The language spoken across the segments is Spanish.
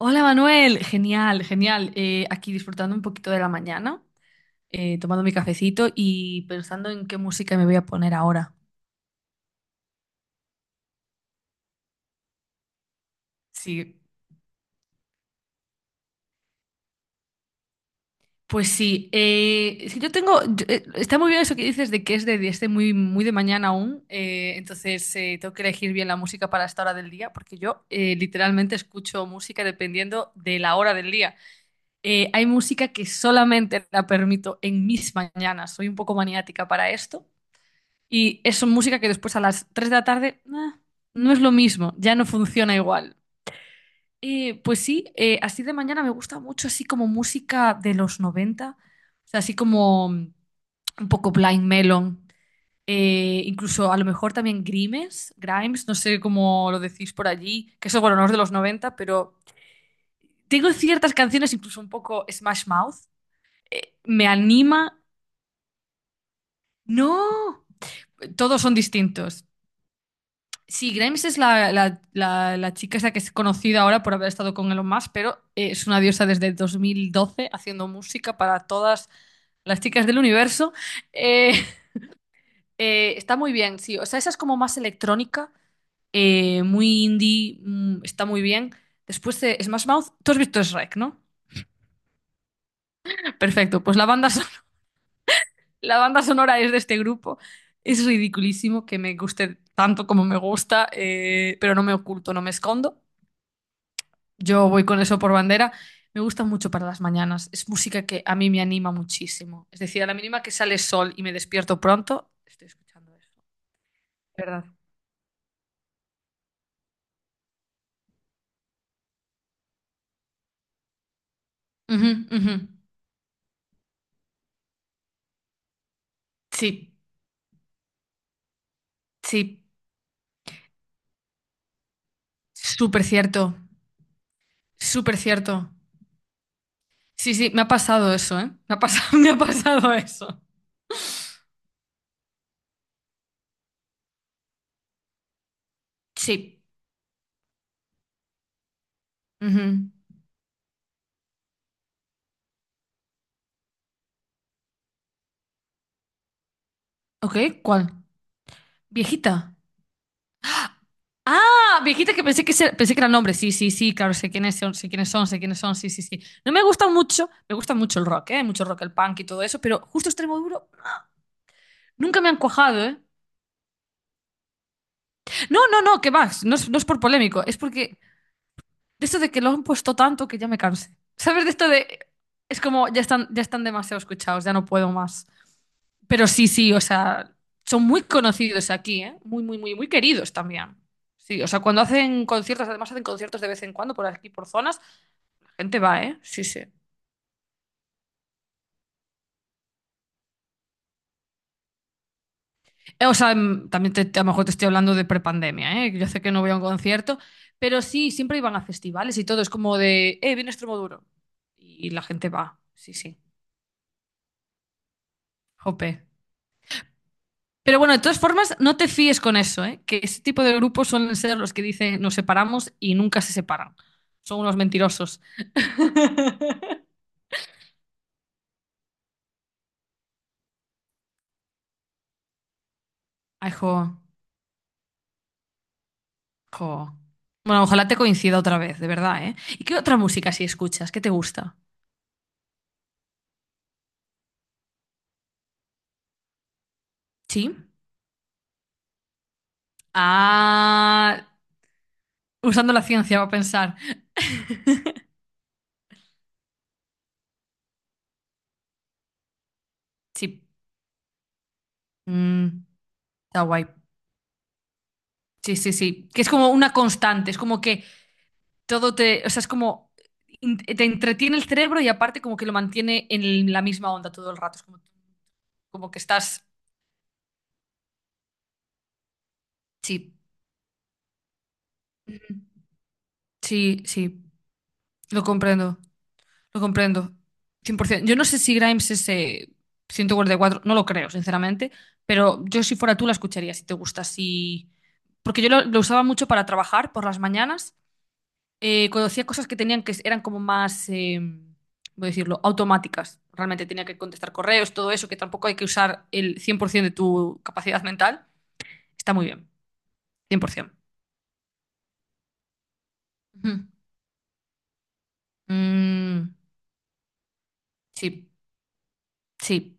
Hola Manuel, genial, genial. Aquí disfrutando un poquito de la mañana, tomando mi cafecito y pensando en qué música me voy a poner ahora. Sí, pues sí. Es que yo tengo, está muy bien eso que dices de que es de este muy, muy de mañana aún. Entonces tengo que elegir bien la música para esta hora del día, porque yo literalmente escucho música dependiendo de la hora del día. Hay música que solamente la permito en mis mañanas. Soy un poco maniática para esto. Y es música que después a las 3 de la tarde no es lo mismo, ya no funciona igual. Pues sí, así de mañana me gusta mucho, así como música de los 90, o sea, así como un poco Blind Melon, incluso a lo mejor también Grimes, Grimes, no sé cómo lo decís por allí, que eso, bueno, no es de los 90, pero tengo ciertas canciones, incluso un poco Smash Mouth, me anima. No, todos son distintos. Sí, Grimes es la chica esa que es conocida ahora por haber estado con Elon Musk, pero es una diosa desde 2012 haciendo música para todas las chicas del universo. Eh, está muy bien, sí. O sea, esa es como más electrónica, muy indie, está muy bien. Después de Smash Mouth, tú has visto Shrek, ¿no? Perfecto, pues la banda sonora es de este grupo. Es ridiculísimo que me guste tanto como me gusta, pero no me oculto, no me escondo. Yo voy con eso por bandera. Me gusta mucho para las mañanas. Es música que a mí me anima muchísimo. Es decir, a la mínima que sale sol y me despierto pronto, estoy escuchando eso. ¿Verdad? Ujú, ujú. Sí, sí. Súper cierto. Súper cierto. Sí, sí, me ha pasado eso, ¿eh? Me ha pasado, me ha pasado eso. Sí. Ujú. Ok, ¿cuál? ¿Viejita? Ah, viejitas que pensé que, pensé que eran hombres. Sí, sí, sí, claro, sé quiénes son, sé quiénes son, sé quiénes son, sí, sí, sí. No me gusta mucho, me gusta mucho el rock, ¿eh? Mucho rock, el punk y todo eso, pero justo extremo duro nunca me han cuajado, ¿eh? No, no, no, que más, no es por polémico, es porque de esto de que lo han puesto tanto que ya me cansé. ¿Sabes? De esto de... Es como, ya están demasiado escuchados, ya no puedo más. Pero sí, sí, o sea, son muy conocidos aquí, ¿eh? Muy, muy, muy, muy queridos también. Sí, o sea, cuando hacen conciertos, además hacen conciertos de vez en cuando por aquí, por zonas. Gente va, ¿eh? Sí, sí. O sea, también a lo mejor te estoy hablando de prepandemia, ¿eh? Yo sé que no voy a un concierto, pero sí, siempre iban a festivales y todo. Es como de, viene Extremoduro. Y la gente va, sí, sí. Jope. Pero bueno, de todas formas, no te fíes con eso, ¿eh? Que ese tipo de grupos suelen ser los que dicen nos separamos y nunca se separan. Son unos mentirosos. Ay, jo, jo. Bueno, ojalá te coincida otra vez, de verdad, ¿eh? ¿Y qué otra música si escuchas? ¿Qué te gusta? ¿Sí? Ah, usando la ciencia va a pensar. Sí, mm, está guay. Sí, sí, sí. Que es como una constante, es como que todo te, o sea, es como te entretiene el cerebro y aparte como que lo mantiene en la misma onda todo el rato. Es como, como que estás. Sí. Ujú. Sí, sí. Lo comprendo. Lo comprendo. 100%. Yo no sé si Grimes es 144, no lo creo, sinceramente, pero yo si fuera tú la escucharía si te gusta, si... Porque yo lo usaba mucho para trabajar por las mañanas, conocía cosas que tenían que eran como más, voy a decirlo, automáticas. Realmente tenía que contestar correos, todo eso, que tampoco hay que usar el 100% de tu capacidad mental. Está muy bien, 100%. Ujú. Mm, sí, sí,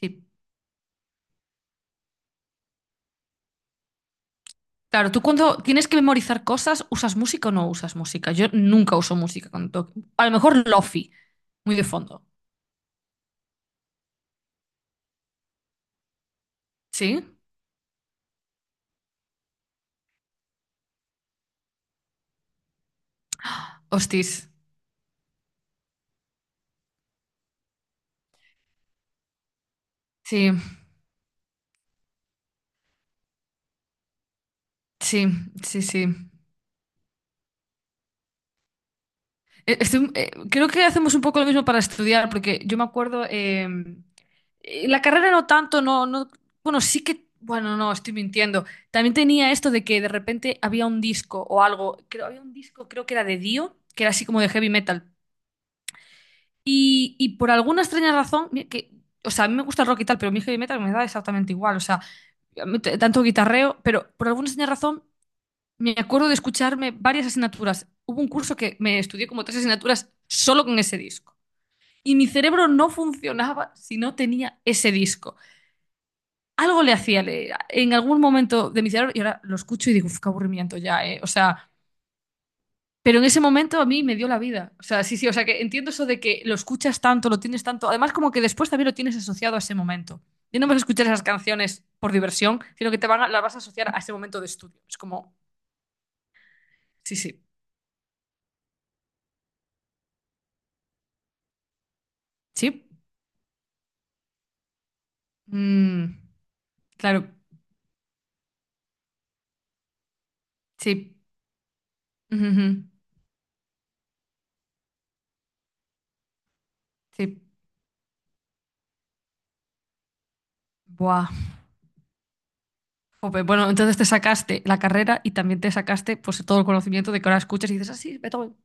sí. Claro, tú cuando tienes que memorizar cosas, ¿usas música o no usas música? Yo nunca uso música cuando tengo que- A lo mejor lofi, muy de fondo. ¿Sí? Hostis. Sí, sí, sí, sí. Creo que hacemos un poco lo mismo para estudiar, porque yo me acuerdo, la carrera no tanto, no, no, bueno, sí que, bueno, no, estoy mintiendo. También tenía esto de que de repente había un disco o algo, creo, había un disco, creo que era de Dio, que era así como de heavy metal. Y por alguna extraña razón, mira que, o sea, a mí me gusta el rock y tal, pero mi heavy metal me da exactamente igual, o sea, a mí tanto guitarreo, pero por alguna extraña razón me acuerdo de escucharme varias asignaturas. Hubo un curso que me estudié como tres asignaturas solo con ese disco. Y mi cerebro no funcionaba si no tenía ese disco. Algo le hacía leer en algún momento de mi cerebro y ahora lo escucho y digo, "Uf, qué aburrimiento ya, ¿eh?". O sea, pero en ese momento a mí me dio la vida. O sea, sí, sí, o sea, que entiendo eso de que lo escuchas tanto, lo tienes tanto. Además, como que después también lo tienes asociado a ese momento. Ya no vas a escuchar esas canciones por diversión, sino que te van las vas a asociar a ese momento de estudio. Es como, sí, sí, sí. Mm, claro, sí. Ujú, ujú, sí. Buah. Jope, bueno, entonces te sacaste la carrera y también te sacaste pues todo el conocimiento de que ahora escuchas y dices, ah, sí, Beethoven.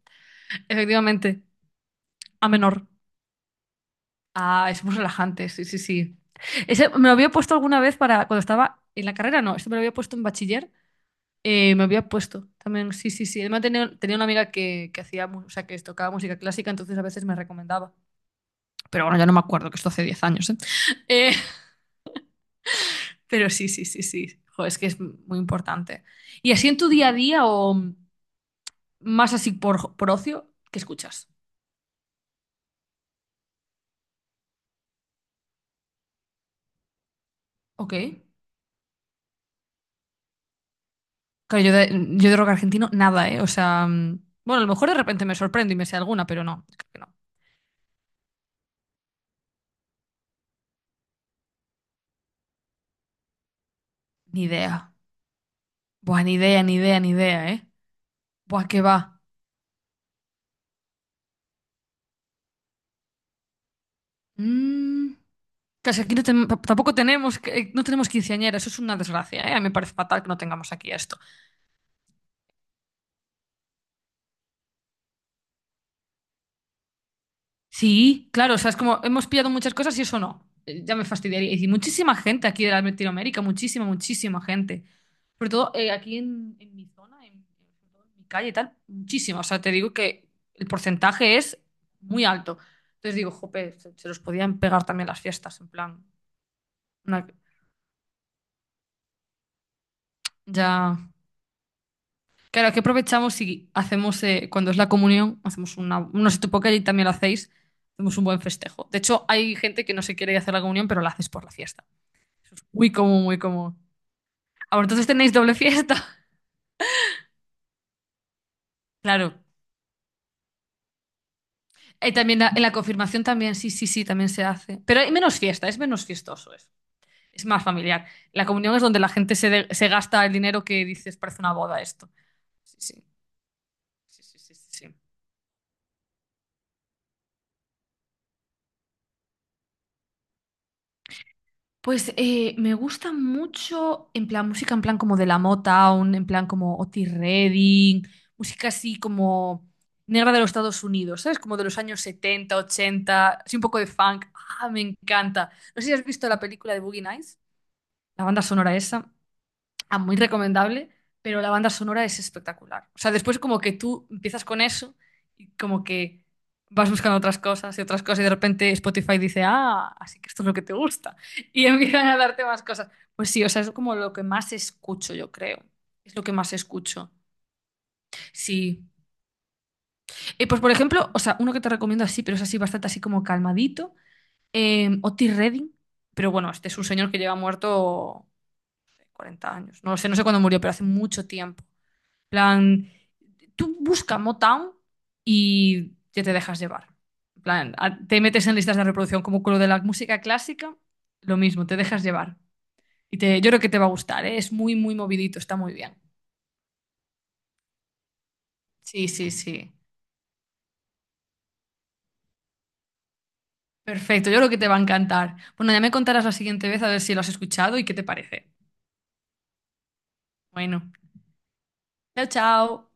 Efectivamente, a menor. Ah, es muy relajante, sí, sí, sí. Ese me lo había puesto alguna vez para cuando estaba en la carrera, no, esto me lo había puesto en bachiller, me había puesto también, sí, sí, sí. Además tenía una amiga que hacía, o sea, que tocaba música clásica, entonces a veces me recomendaba. Pero bueno, ya no me acuerdo, que esto hace 10 años, ¿eh? Eh, pero sí, sí, sí, sí. Jo, es que es muy importante. ¿Y así en tu día a día o...? Más así por ocio, ¿qué escuchas? Ok. Claro, yo de rock argentino, nada, ¿eh? O sea, bueno, a lo mejor de repente me sorprendo y me sé alguna, pero no, creo que no. Ni idea. Buah, ni idea, ni idea, ni idea, ¿eh? Buah, qué va. Mm, casi aquí tampoco tenemos, no tenemos quinceañera, eso es una desgracia, ¿eh? A mí me parece fatal que no tengamos aquí esto. Sí, claro, o sea, es como hemos pillado muchas cosas y eso no. Ya me fastidiaría. Y muchísima gente aquí de Latinoamérica, muchísima, muchísima gente. Sobre todo aquí en mi zona, sobre todo en mi calle y tal, muchísimo. O sea, te digo que el porcentaje es muy alto. Entonces digo, jope, se los podían pegar también las fiestas, en plan. una- ya. Claro, aquí aprovechamos y hacemos, cuando es la comunión, hacemos una. No sé, tú que también lo hacéis, hacemos un buen festejo. De hecho, hay gente que no se quiere ir a hacer la comunión, pero la haces por la fiesta. Eso es muy común, muy común. Ahora, entonces tenéis doble fiesta. Claro, y también en la confirmación también, sí, sí, sí, también se hace. Pero hay menos fiesta, es menos fiestoso eso. Es más familiar. La comunión es donde la gente se gasta el dinero que dices, parece una boda esto. Sí, sí, sí, sí, sí, sí, sí. Pues me gusta mucho en plan música, en plan como de la Motown, en plan como Otis Redding, música así como negra de los Estados Unidos, ¿sabes? Como de los años setenta ochenta, así un poco de funk. Ah, me encanta. No sé si has visto la película de Boogie Nights, la banda sonora esa. Ah, muy recomendable, pero la banda sonora es espectacular. O sea, después como que tú empiezas con eso y como que vas buscando otras cosas y de repente Spotify dice, ah, así que esto es lo que te gusta. Y empiezan a darte más cosas. Pues sí, o sea, es como lo que más escucho, yo creo. Es lo que más escucho. Sí. Pues por ejemplo, o sea, uno que te recomiendo así, pero es así bastante así como calmadito, Otis Redding. Pero bueno, este es un señor que lleva muerto 40 años. No lo sé, no sé cuándo murió, pero hace mucho tiempo, plan, tú busca Motown y ya te dejas llevar. En plan, te metes en listas de reproducción como con lo de la música clásica, lo mismo, te dejas llevar. Y te, yo creo que te va a gustar, ¿eh? Es muy, muy movidito, está muy bien. Sí, sí, sí. Perfecto, yo creo que te va a encantar. Bueno, ya me contarás la siguiente vez a ver si lo has escuchado y qué te parece. Bueno, chao, chao.